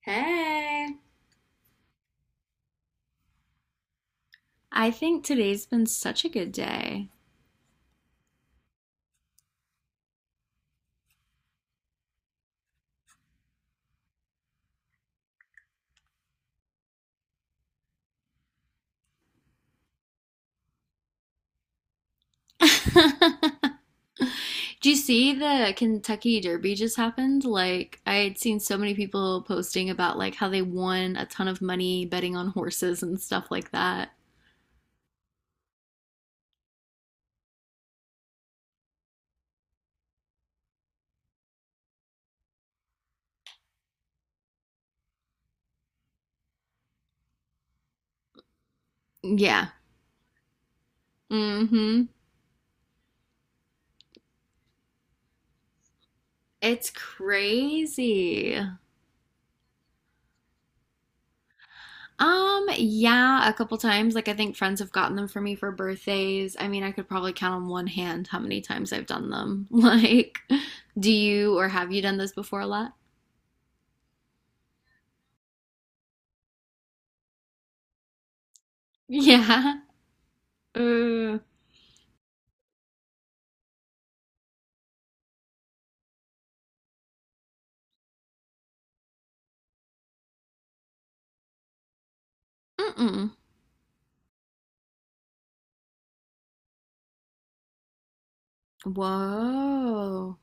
Hey. I think today's been such a good day. Do you see the Kentucky Derby just happened? I had seen so many people posting about how they won a ton of money betting on horses and stuff like that. Yeah. Mm-hmm. It's crazy. Yeah, a couple times. Like, I think friends have gotten them for me for birthdays. I mean, I could probably count on one hand how many times I've done them. Like, do you or have you done this before a lot? Yeah. Uh, mm-mm. Whoa.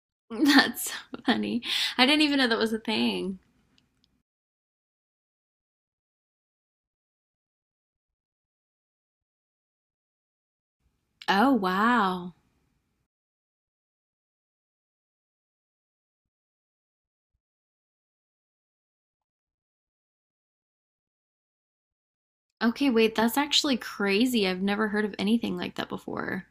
That's so funny. I didn't even know that was a thing. Oh, wow. Okay, wait, that's actually crazy. I've never heard of anything like that before.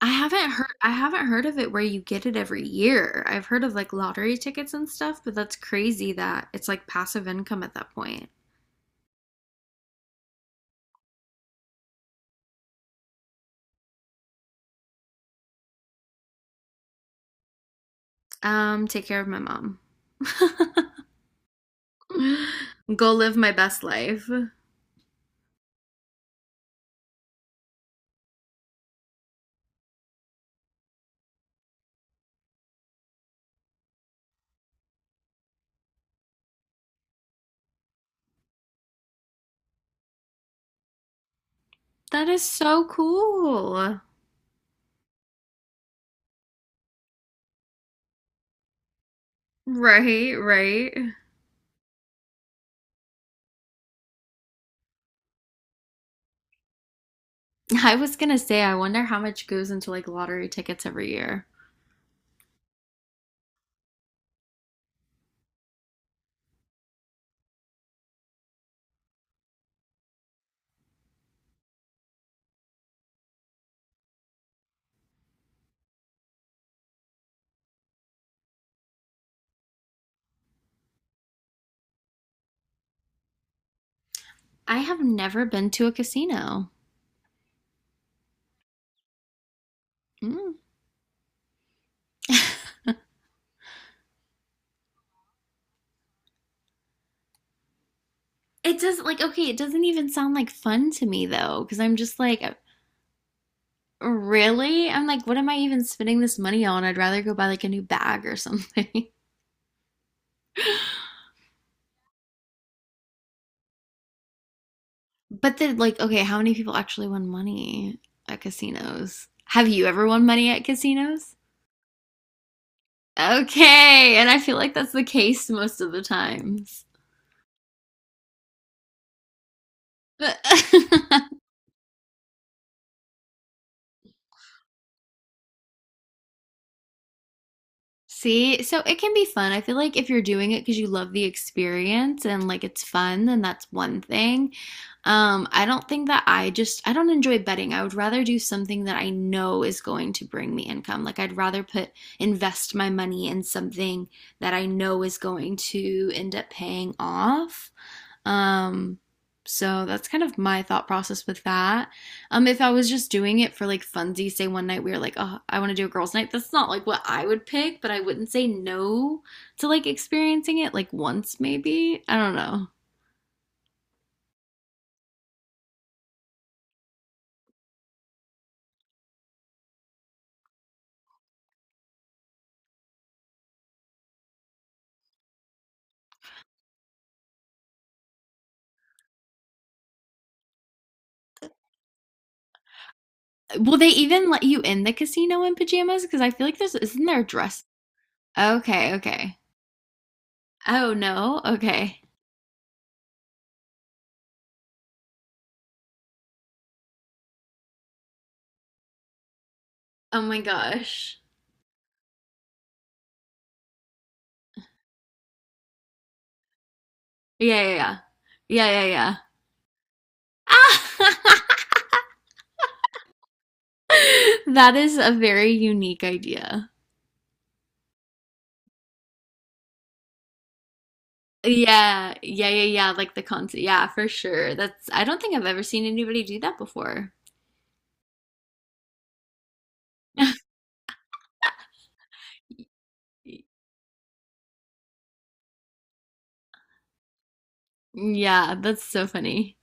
I haven't heard of it where you get it every year. I've heard of like lottery tickets and stuff, but that's crazy that it's like passive income at that point. Take care of my mom. Go live my best life. That is so cool. Right, right. I was gonna say, I wonder how much goes into like lottery tickets every year. I have never been to a casino. Mm. It doesn't even sound like fun to me though, because I'm just like, really? I'm like, what am I even spending this money on? I'd rather go buy like a new bag or something. But then like, okay, how many people actually won money at casinos? Have you ever won money at casinos? Okay, and I feel like that's the case most of the times. See, so it can be fun. I feel like if you're doing it because you love the experience and like it's fun, then that's one thing. I don't think that I don't enjoy betting. I would rather do something that I know is going to bring me income. Like I'd rather put invest my money in something that I know is going to end up paying off. Um, so that's kind of my thought process with that. If I was just doing it for like funsies, say one night we were like, oh, I want to do a girls' night. That's not like what I would pick, but I wouldn't say no to like experiencing it like once maybe. I don't know. Will they even let you in the casino in pajamas? Because I feel like there's isn't there a dress? Okay, okay. Oh no. Okay. Oh my gosh. Yeah, yeah, yeah. Yeah, yeah, yeah. Ah! That is a very unique idea. Yeah, yeah, yeah, yeah. Like the concert. Yeah, for sure. That's, I don't think I've ever seen anybody do that before. Yeah, that's so funny.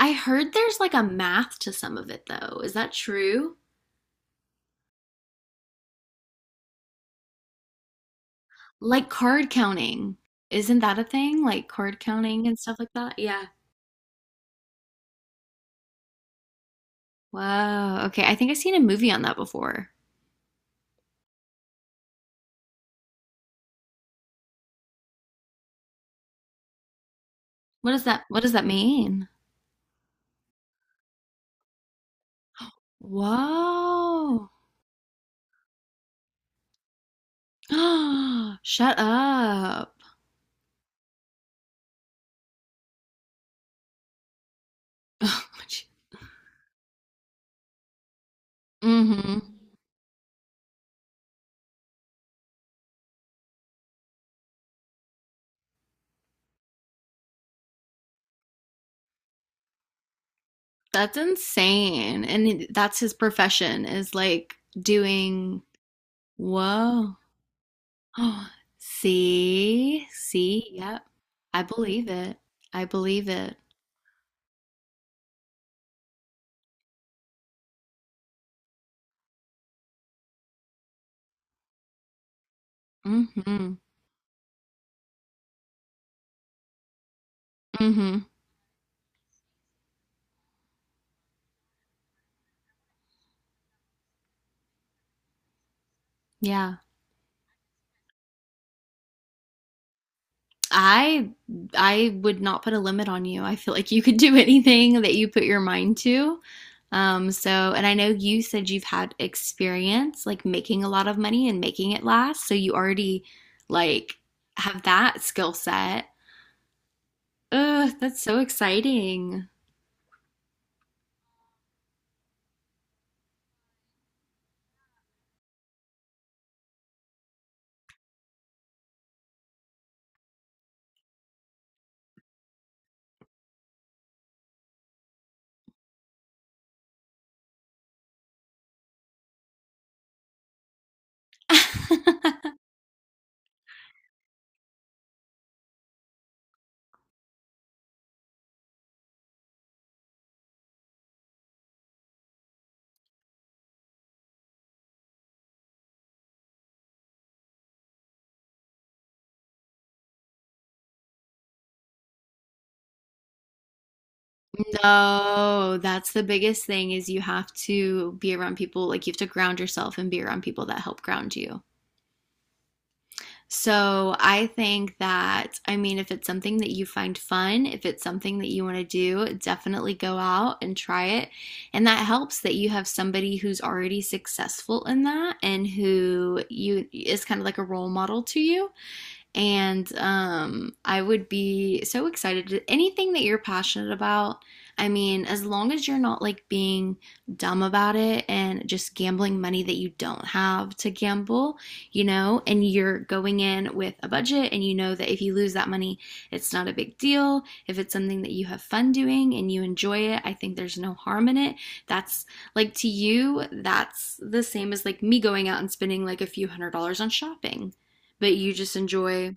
I heard there's like a math to some of it though. Is that true? Like card counting. Isn't that a thing? Like card counting and stuff like that? Yeah. Wow. Okay. I think I've seen a movie on that before. What does that mean? Whoa. Shut up. Mm-hmm. That's insane. And that's his profession is like doing, whoa. Oh, see, see, yep. I believe it. I believe it. Mm-hmm. Mm-hmm. Yeah. I I would not put a limit on you. I feel like you could do anything that you put your mind to. So, and I know you said you've had experience like making a lot of money and making it last, so you already like have that skill set. Ugh, that's so exciting. No, that's the biggest thing is you have to be around people, like you have to ground yourself and be around people that help ground you. So I think that, I mean, if it's something that you find fun, if it's something that you want to do, definitely go out and try it. And that helps that you have somebody who's already successful in that and who you is kind of like a role model to you. And I would be so excited to anything that you're passionate about. I mean, as long as you're not like being dumb about it and just gambling money that you don't have to gamble, you know, and you're going in with a budget and you know that if you lose that money, it's not a big deal. If it's something that you have fun doing and you enjoy it, I think there's no harm in it. That's like to you, that's the same as like me going out and spending like a few $100s on shopping, but you just enjoy.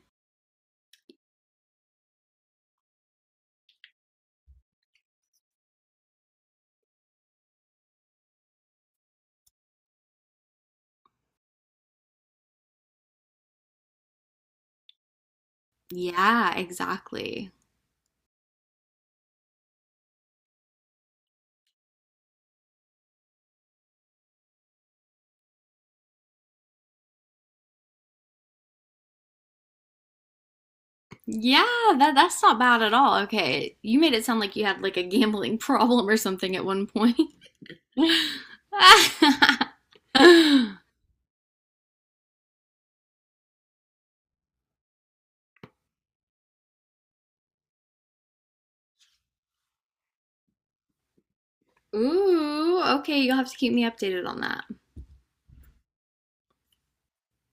Yeah, exactly. Yeah, that that's not bad at all. Okay. You made it sound like you had like a gambling problem or something at one point. Ooh, okay, you'll have to keep me updated on that.